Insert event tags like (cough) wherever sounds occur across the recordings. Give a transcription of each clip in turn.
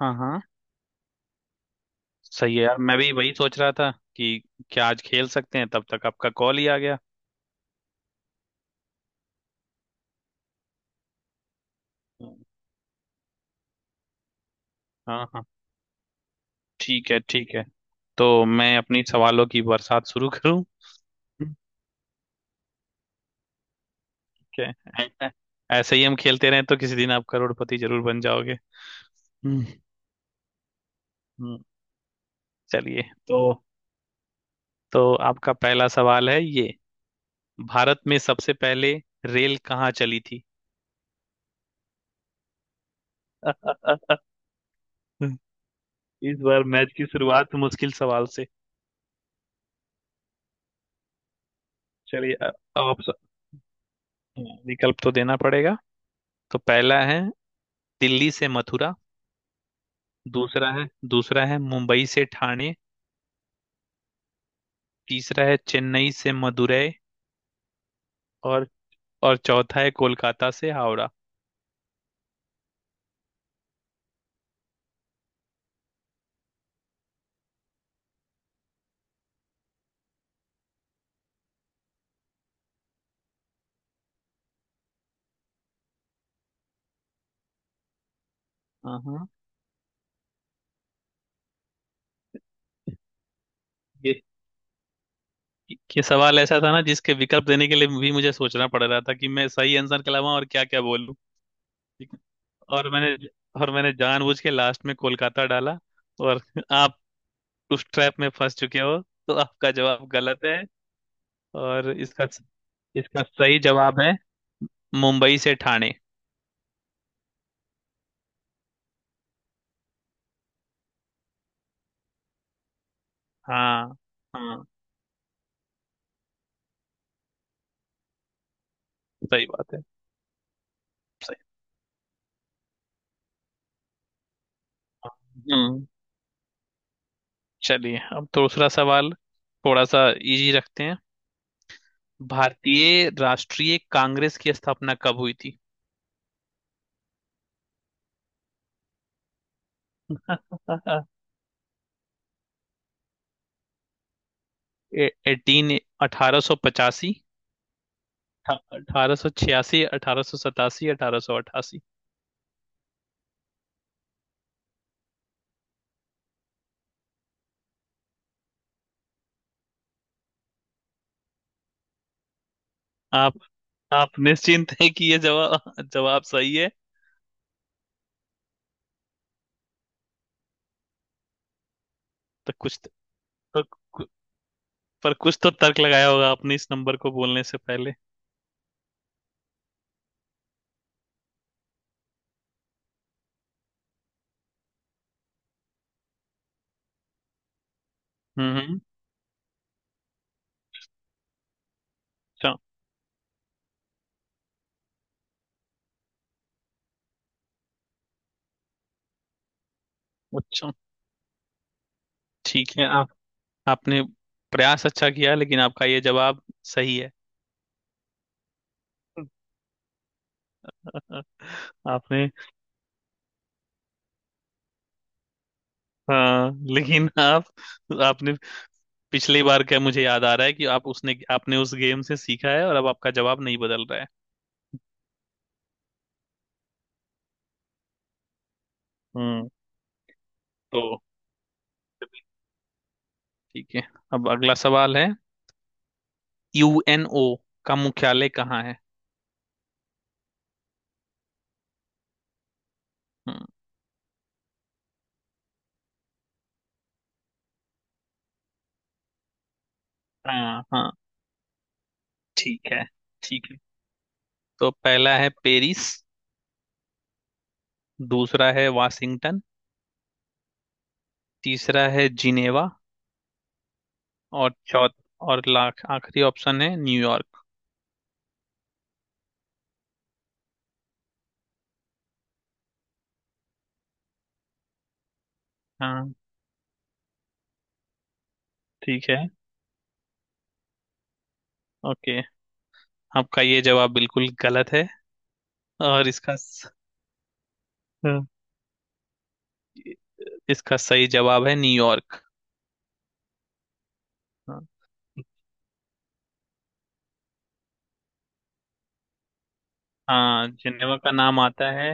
हाँ हाँ। सही है यार, मैं भी वही सोच रहा था कि क्या आज खेल सकते हैं, तब तक आपका कॉल ही आ गया। हाँ हाँ, ठीक है, ठीक है। तो मैं अपनी सवालों की बरसात शुरू करूं? ठीक है। ऐ- ऐ- ऐसे ही हम खेलते रहें तो किसी दिन आप करोड़पति जरूर बन जाओगे। हम्म। हम्म, चलिए। तो तो आपका पहला सवाल है ये, भारत में सबसे पहले रेल कहाँ चली थी? (laughs) इस बार मैच की शुरुआत मुश्किल सवाल से। चलिए, अब आप स- विकल्प तो देना पड़ेगा। तो पहला है दिल्ली से मथुरा। दूसरा है दूसरा है मुंबई से ठाणे। तीसरा है चेन्नई से मदुरई। और और चौथा है कोलकाता से हावड़ा। हाँ, ये ये सवाल ऐसा था ना जिसके विकल्प देने के लिए भी मुझे सोचना पड़ रहा था कि मैं सही आंसर के अलावा और क्या क्या बोलूं। और मैंने और मैंने जानबूझ के लास्ट में कोलकाता डाला, और आप उस ट्रैप में फंस चुके हो, तो आपका जवाब गलत है। और इसका इसका सही जवाब है मुंबई से ठाणे। हाँ हाँ, सही बात है। सही। हम्म चलिए, अब तो दूसरा सवाल थोड़ा सा इजी रखते हैं। भारतीय राष्ट्रीय कांग्रेस की स्थापना कब हुई थी? (laughs) एटीन 1885, 1886, 1887, 1888। आप आप निश्चिंत हैं कि ये जवाब जवाब सही है? तो कुछ तो कु- पर कुछ तो तर्क लगाया होगा आपने इस नंबर को बोलने से पहले। हम्म हम्म, अच्छा। अच्छा, ठीक है। आप आपने प्रयास अच्छा किया, लेकिन आपका ये जवाब सही है। (laughs) आपने? हाँ, लेकिन आप आपने पिछली बार, क्या मुझे याद आ रहा है कि आप उसने आपने उस गेम से सीखा है और अब आपका जवाब नहीं बदल रहा है। हम्म तो ठीक है, अब अगला सवाल है, यूएनओ का मुख्यालय कहाँ है? हम्म, हाँ हाँ, ठीक है, ठीक है। तो पहला है पेरिस। दूसरा है वाशिंगटन। तीसरा है जिनेवा। और चौथ और लाख आखिरी ऑप्शन है न्यूयॉर्क। हाँ ठीक है। ओके, आपका ये जवाब बिल्कुल गलत है। और इसका स- हाँ, इसका सही जवाब है न्यूयॉर्क। हाँ। हाँ, जिनेवा का नाम आता है।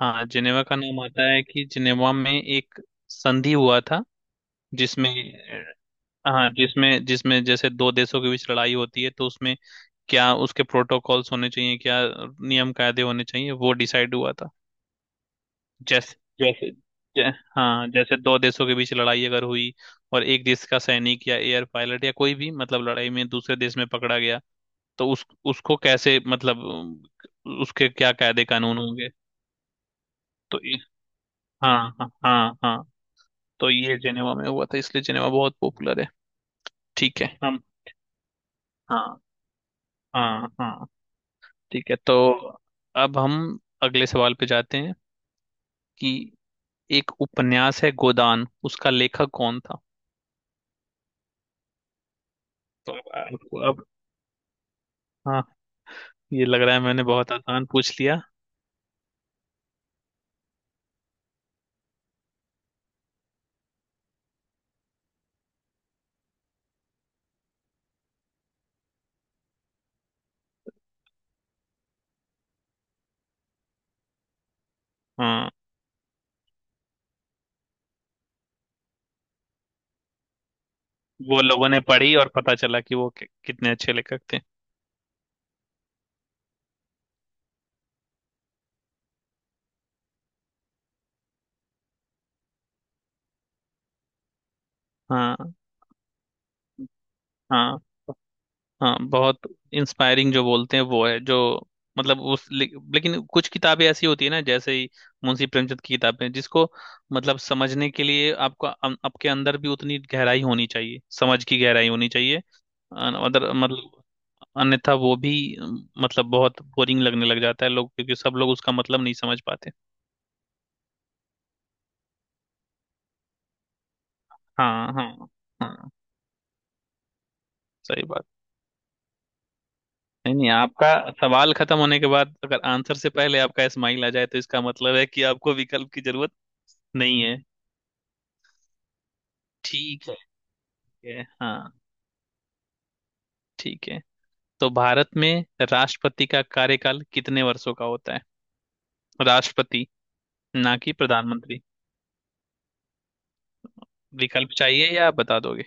हाँ जिनेवा का नाम आता है कि जिनेवा में एक संधि हुआ था, जिसमें... हाँ, जिसमें जिसमें जैसे दो देशों के बीच लड़ाई होती है तो उसमें क्या उसके प्रोटोकॉल्स होने चाहिए, क्या नियम कायदे होने चाहिए, वो डिसाइड हुआ था। जैसे जैसे जै, हाँ, जैसे दो देशों के बीच लड़ाई अगर हुई और एक देश का सैनिक या एयर पायलट या कोई भी, मतलब लड़ाई में दूसरे देश में पकड़ा गया, तो उस उसको कैसे, मतलब उसके क्या कायदे कानून होंगे? तो ये- हाँ हाँ हाँ हाँ, तो ये जेनेवा में हुआ था इसलिए जेनेवा बहुत पॉपुलर है। ठीक है। हम हाँ हाँ हाँ। ठीक है, तो अब हम अगले सवाल पे जाते हैं कि एक उपन्यास है गोदान, उसका लेखक कौन था? तो अब अब- हाँ, ये लग रहा है मैंने बहुत आसान पूछ लिया। हाँ, वो लोगों ने पढ़ी और पता चला कि वो कितने अच्छे लेखक थे। हाँ हाँ, हाँ बहुत इंस्पायरिंग जो बोलते हैं वो है जो, मतलब उस ले, लेकिन कुछ किताबें ऐसी होती है ना, जैसे ही मुंशी प्रेमचंद की किताबें, जिसको मतलब समझने के लिए आपको आपके अंदर भी उतनी गहराई होनी चाहिए, समझ की गहराई होनी चाहिए। अन- अदर मतलब अन्यथा वो भी, मतलब बहुत बोरिंग लगने लग जाता है लोग, क्योंकि सब लोग उसका मतलब नहीं समझ पाते। हाँ हाँ, हाँ सही बात। नहीं नहीं, आपका सवाल खत्म होने के बाद अगर आंसर से पहले आपका स्माइल आ जाए तो इसका मतलब है कि आपको विकल्प की जरूरत नहीं है। ठीक है। हाँ ठीक है, तो भारत में राष्ट्रपति का कार्यकाल कितने वर्षों का होता है? राष्ट्रपति, ना कि प्रधानमंत्री। विकल्प चाहिए या आप बता दोगे?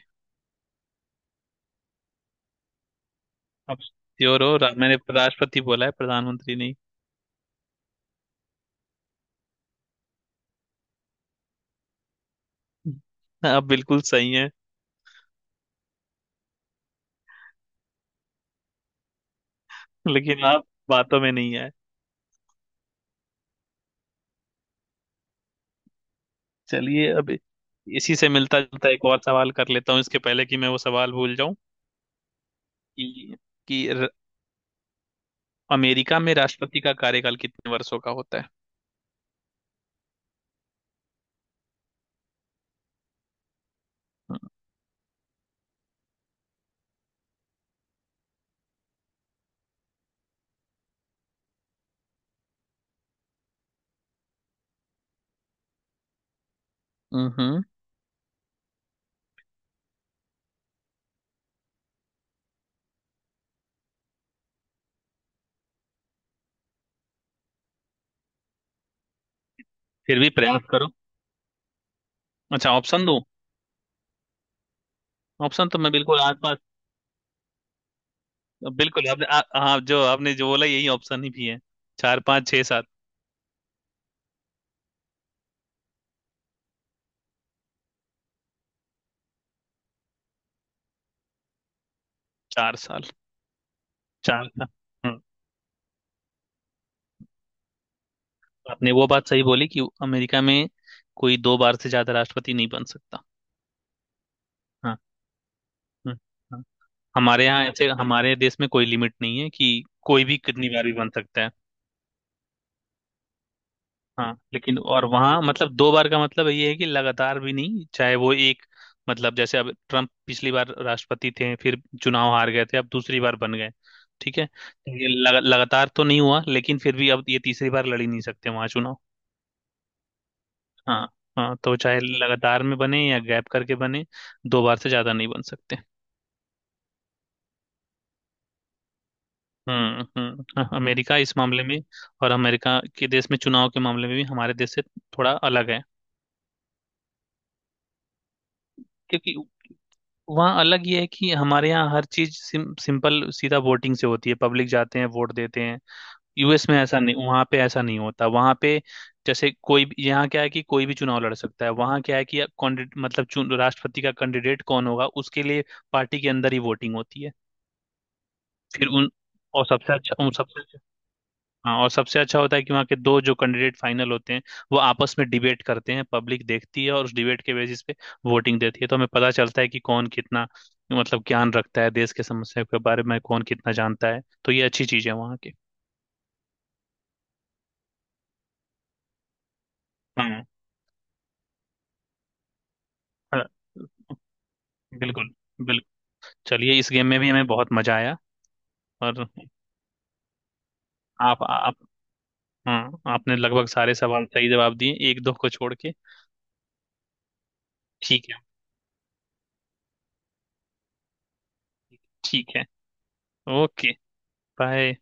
आप श्योर हो रा- मैंने राष्ट्रपति बोला है, प्रधानमंत्री नहीं। आप बिल्कुल सही हैं, लेकिन आप बातों में नहीं आए। चलिए, अब इसी से मिलता जुलता एक और सवाल कर लेता हूँ, इसके पहले कि मैं वो सवाल भूल जाऊं। कि कि र- अमेरिका में राष्ट्रपति का कार्यकाल कितने वर्षों का होता है? हम्म हम्म, फिर भी प्रयास करो। अच्छा, ऑप्शन दूं? ऑप्शन तो मैं बिल्कुल आसपास, हाँ, जो आपने जो बोला यही ऑप्शन ही भी है। चार पाँच छः सात। 4 साल। 4 साल। हम्म, आपने वो बात सही बोली कि अमेरिका में कोई दो बार से ज्यादा राष्ट्रपति नहीं बन सकता। हाँ। हम्म, हाँ। हमारे यहाँ ऐसे, हमारे देश में कोई लिमिट नहीं है कि कोई भी कितनी बार भी बन सकता है। हाँ लेकिन, और वहाँ मतलब दो बार का मतलब ये है कि लगातार भी नहीं, चाहे वो एक, मतलब जैसे अब ट्रम्प पिछली बार राष्ट्रपति थे, फिर चुनाव हार गए थे, अब दूसरी बार बन गए। ठीक है, तो ये लगातार तो नहीं हुआ, लेकिन फिर भी अब ये तीसरी बार लड़ ही नहीं सकते वहाँ चुनाव। हाँ हाँ, तो चाहे लगातार में बने या गैप करके बने, दो बार से ज्यादा नहीं बन सकते। हाँ, अमेरिका इस मामले में, और अमेरिका के देश में चुनाव के मामले में भी हमारे देश से थोड़ा अलग है। क्योंकि वहाँ अलग ये है कि हमारे यहाँ हर चीज सिंपल सीधा वोटिंग से होती है, पब्लिक जाते हैं वोट देते हैं। यूएस में ऐसा नहीं, वहाँ पे ऐसा नहीं होता। वहाँ पे जैसे, कोई भी यहाँ क्या है कि कोई भी चुनाव लड़ सकता है, वहाँ क्या है कि कैंडिडेट, मतलब चुन, राष्ट्रपति का कैंडिडेट कौन होगा उसके लिए पार्टी के अंदर ही वोटिंग होती है। फिर उन और सबसे अच्छा, उन सबसे हाँ, और सबसे अच्छा होता है कि वहाँ के दो जो कैंडिडेट फाइनल होते हैं, वो आपस में डिबेट करते हैं, पब्लिक देखती है और उस डिबेट के बेसिस पे वोटिंग देती है, तो हमें पता चलता है कि कौन कितना मतलब ज्ञान रखता है देश के समस्या के बारे में, कौन कितना जानता है, तो ये अच्छी चीज़ है वहाँ की। हाँ हाँ, बिल्कुल, बिल्कुल। चलिए, इस गेम में भी हमें बहुत मजा आया। और आप हाँ, आपने लगभग सारे सवाल सही जवाब दिए, एक दो को छोड़ के। ठीक है। ठीक है, ओके। बाय।